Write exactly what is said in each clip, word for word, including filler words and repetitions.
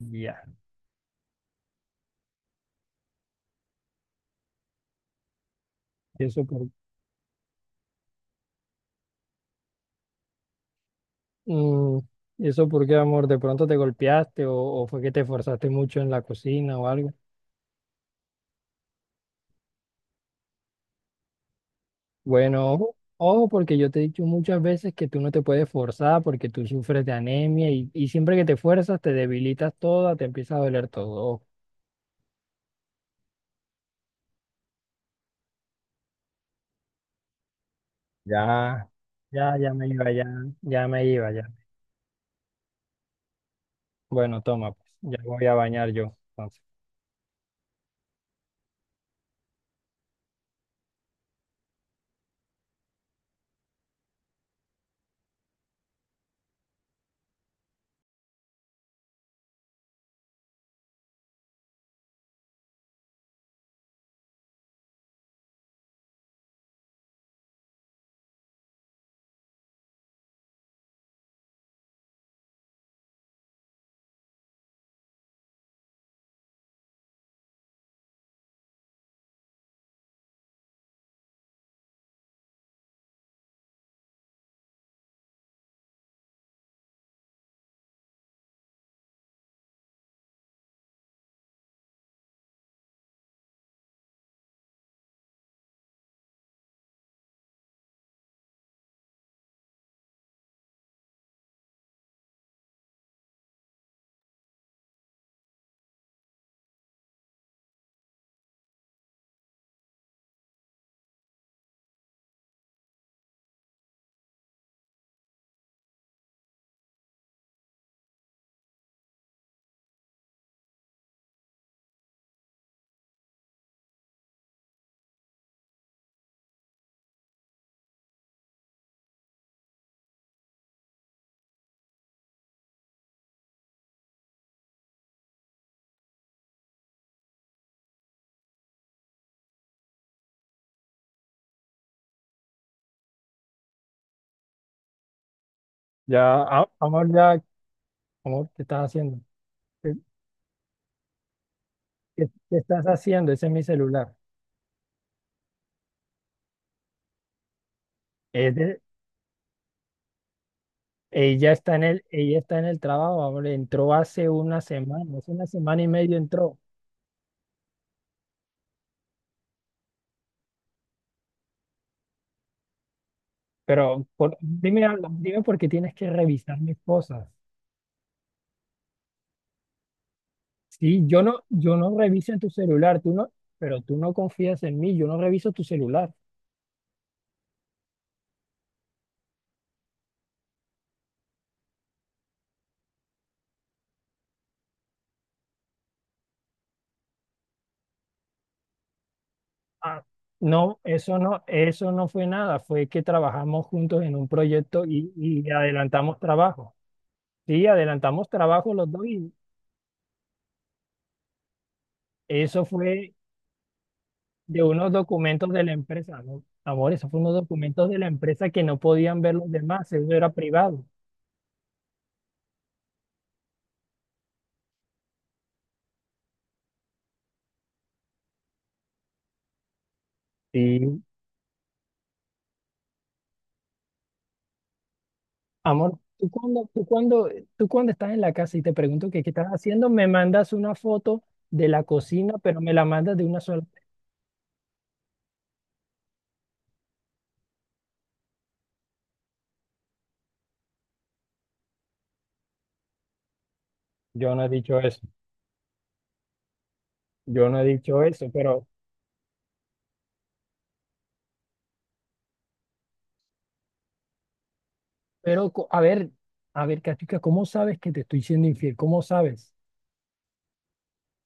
Ya. ¿Y eso por, mm, ¿Y eso por qué, amor? ¿De pronto te golpeaste o, o fue que te esforzaste mucho en la cocina o algo? Bueno, ojo, ojo, porque yo te he dicho muchas veces que tú no te puedes forzar porque tú sufres de anemia y, y siempre que te fuerzas te debilitas toda, te empieza a doler todo. Ojo. Ya, ya, ya me iba, ya, ya me iba, ya. Bueno, toma, pues, ya voy a bañar yo. Entonces, ya, a- amor, ya, Amor, ¿qué estás haciendo? ¿Qué, qué- qué estás haciendo? Ese es mi celular. Ella está en el, ella está en el trabajo, ahora entró hace una semana, hace una semana y media entró. Pero por- dime algo, dime por qué tienes que revisar mis cosas. Sí, yo no, yo no reviso en tu celular, tú no, pero tú no confías en mí, yo no reviso tu celular. Ah, no, eso no, eso no fue nada, fue que trabajamos juntos en un proyecto y, y adelantamos trabajo. Sí, adelantamos trabajo los dos y eso fue de unos documentos de la empresa, ¿no? Amor, esos fueron unos documentos de la empresa que no podían ver los demás, eso era privado. Sí. Amor, tú cuando, tú cuando, tú cuando estás en la casa y te pregunto que qué estás haciendo, me mandas una foto de la cocina, pero me la mandas de una sola. Yo no he dicho eso, yo no he dicho eso, pero, pero, co- a ver, a ver, Katica, ¿cómo sabes que te estoy siendo infiel? ¿Cómo sabes?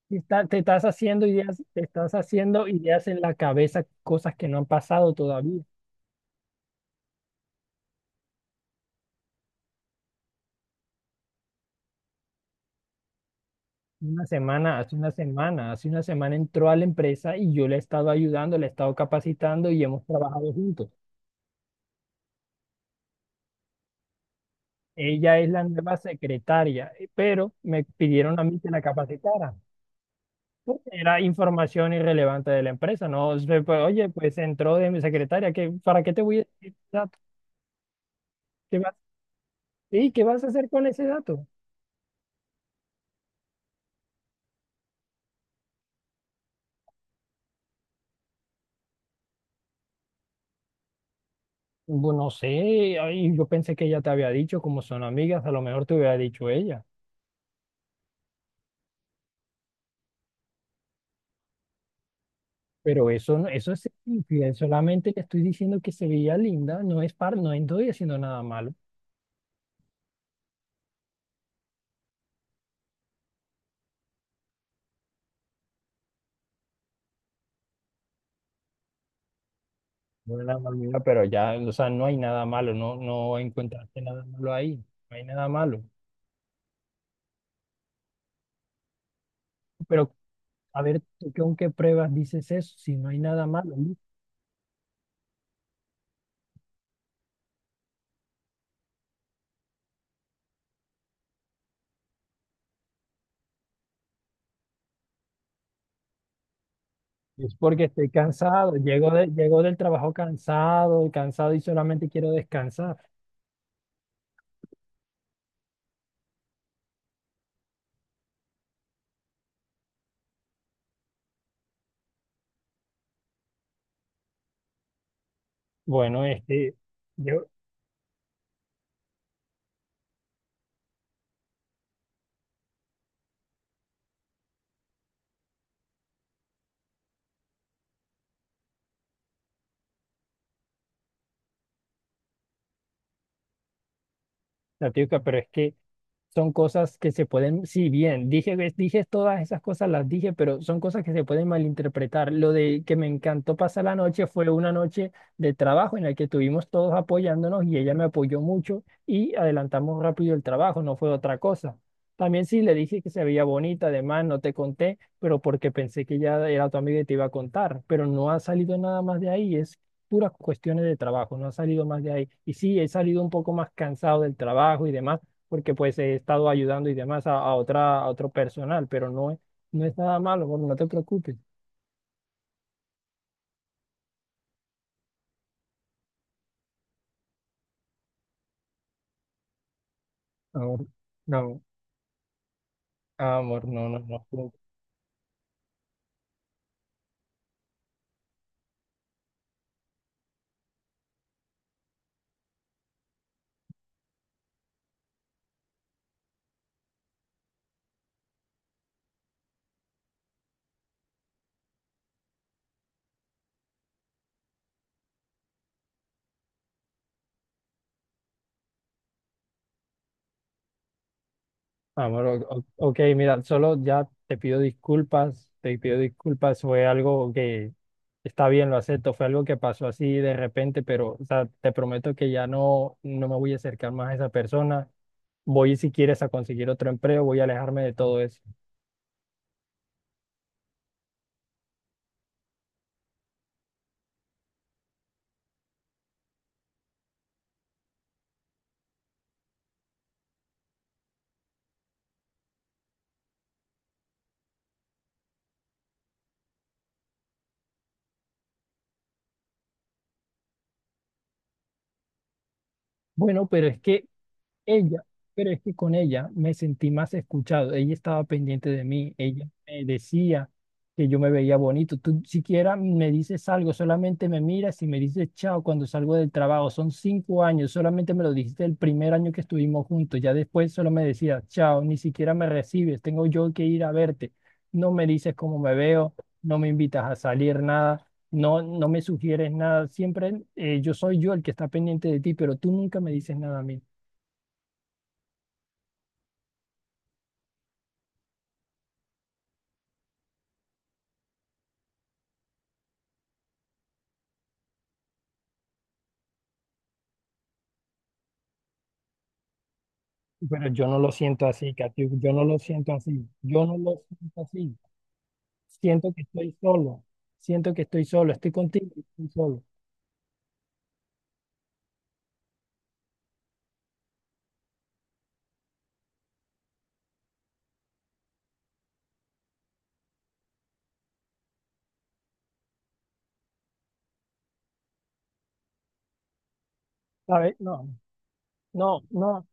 Y Está- te estás haciendo ideas, te estás haciendo ideas en la cabeza, cosas que no han pasado todavía. Una semana, hace una semana, hace una semana entró a la empresa y yo le he estado ayudando, le he estado capacitando y hemos trabajado juntos. Ella es la nueva secretaria, eh, pero me pidieron a mí que la capacitara, porque era información irrelevante de la empresa, ¿no? Se- pues, oye, pues entró de mi secretaria, ¿qué, para qué te voy a decir ese dato? ¿Qué vas, sí, ¿qué vas a hacer con ese dato? Bueno, no sé, ay, yo pensé que ella te había dicho, como son amigas, a lo mejor te hubiera dicho ella. Pero eso, no- eso es ser infiel, solamente le estoy diciendo que se veía linda, no es par, no estoy haciendo nada malo. No era nada malo, pero ya, o sea, no hay nada malo, no, no encontraste nada malo ahí, no hay nada malo. Pero a ver, ¿tú con qué pruebas dices eso? Si no hay nada malo, ¿no? Es porque estoy cansado, llego, de- llego del trabajo cansado, cansado y solamente quiero descansar. Bueno, este, yo, la típica, pero es que son cosas que se pueden, sí, bien, dije, ves, dije todas esas cosas, las dije, pero son cosas que se pueden malinterpretar. Lo de que me encantó pasar la noche fue una noche de trabajo en la que estuvimos todos apoyándonos y ella me apoyó mucho y adelantamos rápido el trabajo, no fue otra cosa. También sí le dije que se veía bonita, además no te conté, pero porque pensé que ya era tu amiga y te iba a contar, pero no ha salido nada más de ahí, es puras cuestiones de trabajo, no ha salido más de ahí. Y sí, he salido un poco más cansado del trabajo y demás porque pues he estado ayudando y demás a, a otra, a otro personal, pero no es, no es nada malo, amor, no te preocupes. Amor, no, amor, no, no, no. no. Amor, o- o- ok, mira, solo ya te pido disculpas, te pido disculpas, fue algo que está bien, lo acepto, fue algo que pasó así de repente, pero o sea, te prometo que ya no, no me voy a acercar más a esa persona. Voy, si quieres, a conseguir otro empleo, voy a alejarme de todo eso. Bueno, pero es que Ella, pero es que con ella me sentí más escuchado. Ella estaba pendiente de mí, ella me decía que yo me veía bonito. Tú siquiera me dices algo, solamente me miras y me dices chao cuando salgo del trabajo. Son cinco años, solamente me lo dijiste el primer año que estuvimos juntos. Ya después solo me decías chao, ni siquiera me recibes, tengo yo que ir a verte. No me dices cómo me veo, no me invitas a salir, nada. No, no me sugieres nada. Siempre eh, yo soy yo el que está pendiente de ti, pero tú nunca me dices nada a mí. Pero yo no lo siento así, Katy, yo no lo siento así, yo no lo siento así. Siento que estoy solo, siento que estoy solo, estoy contigo, y estoy solo. ¿Sabes? No, no, no.